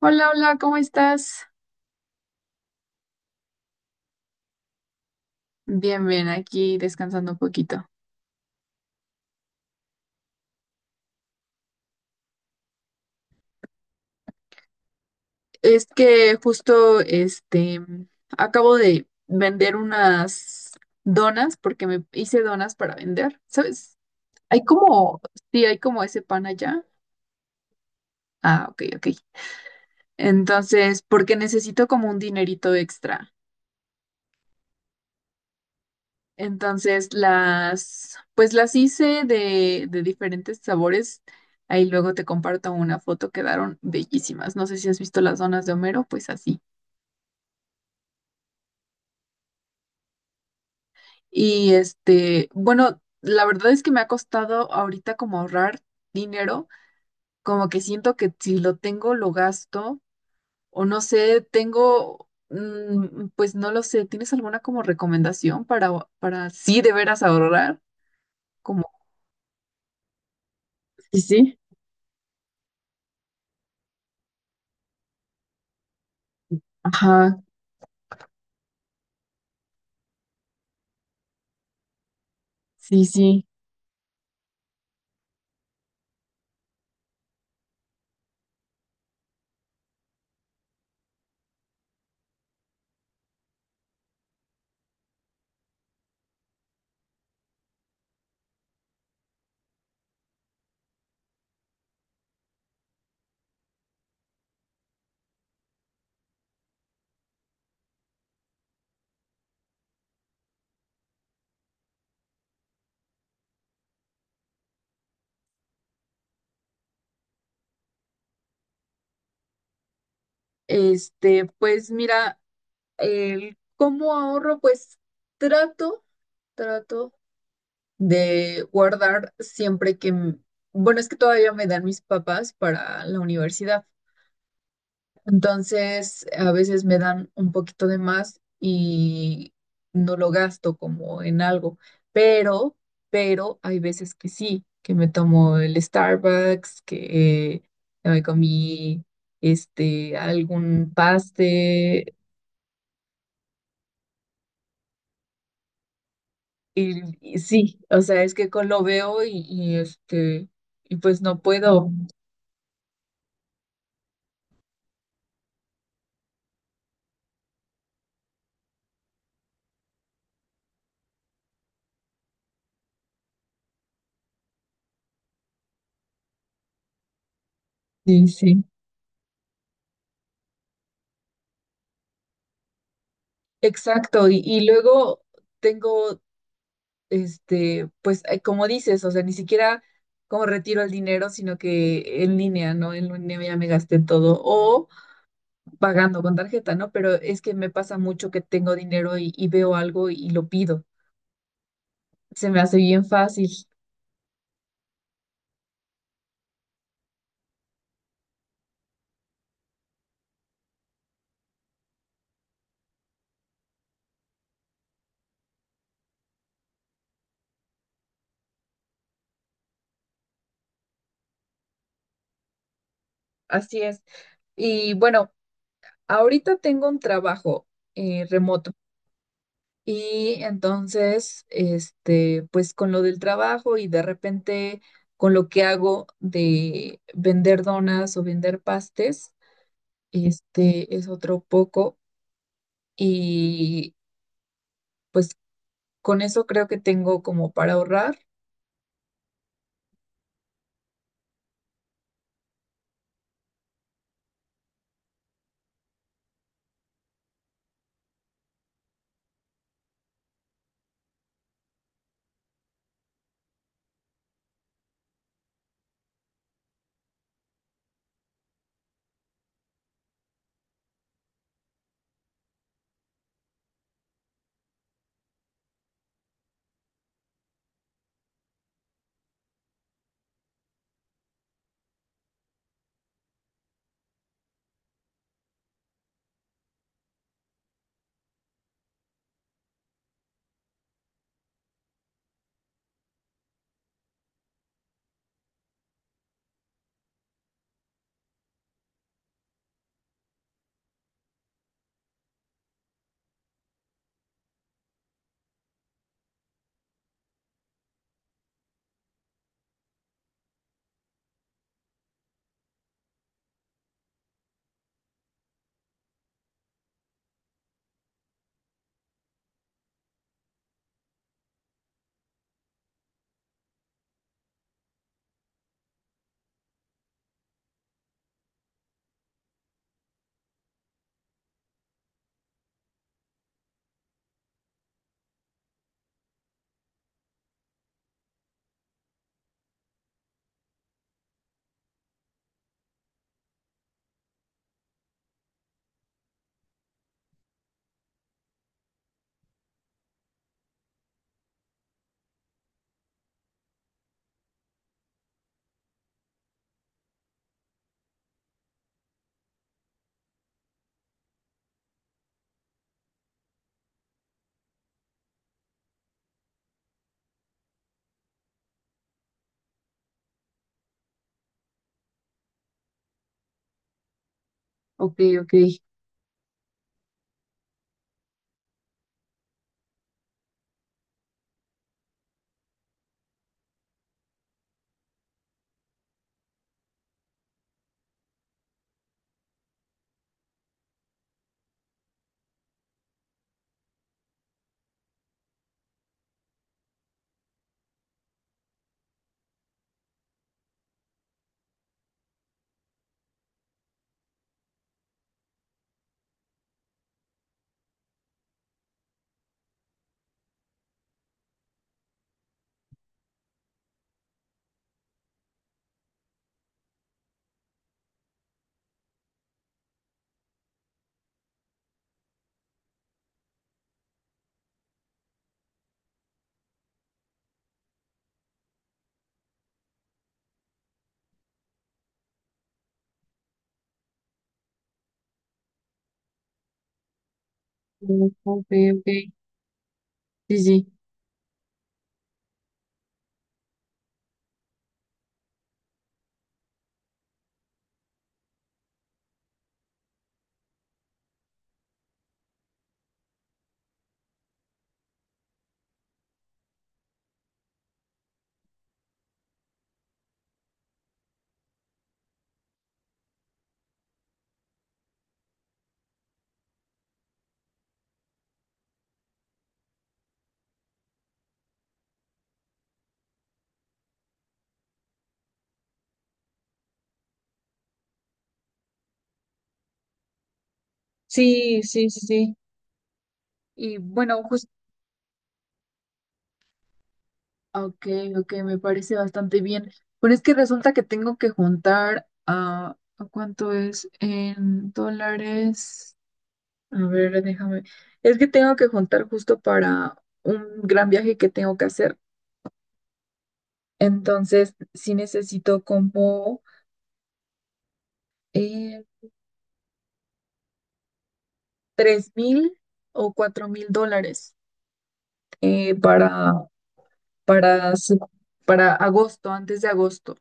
Hola, hola, ¿cómo estás? Bien, bien, aquí descansando un poquito. Es que justo, acabo de vender unas donas porque me hice donas para vender, ¿sabes? Hay como, sí, hay como ese pan allá. Ah, ok, ok. Entonces, porque necesito como un dinerito extra. Entonces pues las hice de diferentes sabores. Ahí luego te comparto una foto, quedaron bellísimas. No sé si has visto las donas de Homero, pues así. Y bueno, la verdad es que me ha costado ahorita como ahorrar dinero, como que siento que si lo tengo lo gasto o no sé, pues no lo sé, ¿tienes alguna como recomendación para sí de veras ahorrar? Como, sí, sí. Ajá, sí, sí. Pues mira, el cómo ahorro, pues trato, trato de guardar siempre que, bueno, es que todavía me dan mis papás para la universidad. Entonces, a veces me dan un poquito de más y no lo gasto como en algo, pero, pero hay veces que sí, que me tomo el Starbucks, que me comí algún paste. Y sí, o sea, es que lo veo y y pues no puedo. Sí, sí. Exacto. Y luego tengo, pues como dices, o sea, ni siquiera como retiro el dinero, sino que en línea, ¿no? En línea ya me gasté todo. O pagando con tarjeta, ¿no? Pero es que me pasa mucho que tengo dinero y veo algo y lo pido. Se me hace bien fácil. Así es. Y bueno, ahorita tengo un trabajo remoto. Y entonces, pues con lo del trabajo y de repente con lo que hago de vender donas o vender pastes, este es otro poco. Y pues con eso creo que tengo como para ahorrar. Ok, ok. Mm, ok, ok. Sí, sí. Sí, sí, sí, sí. Y bueno, ok, ok, me parece bastante bien. Pero es que resulta que tengo que juntar ¿a ¿cuánto es en dólares? A ver, déjame. Es que tengo que juntar justo para un gran viaje que tengo que hacer. Entonces, sí necesito como eh, 3000 o 4000 dólares eh, para, para, se- para agosto, antes de agosto.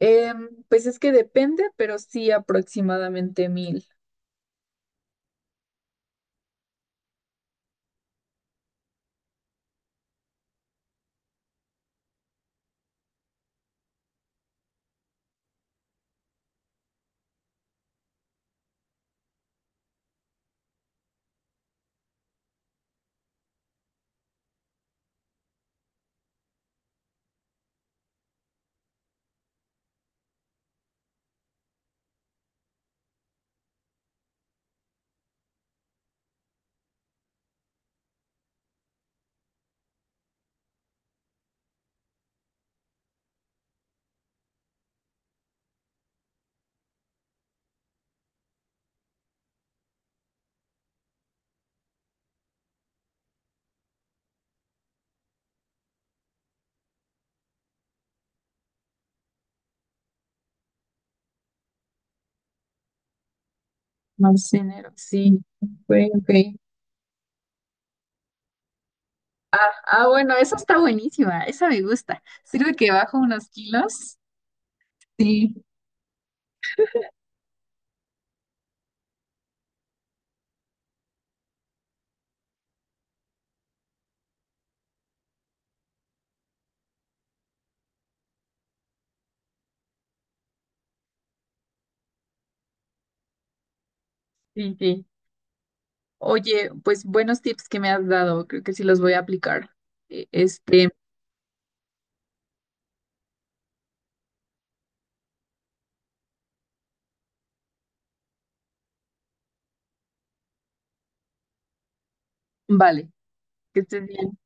Em, pues es que depende, pero sí aproximadamente 1000. Más dinero, sí. Ok, ok. Ah, bueno, esa está buenísima, esa me gusta. Sirve que bajo unos kilos. Sí, sí, sí. Oye, pues buenos tips que me has dado, creo que sí los voy a aplicar. E- Este, vale, que estés bien.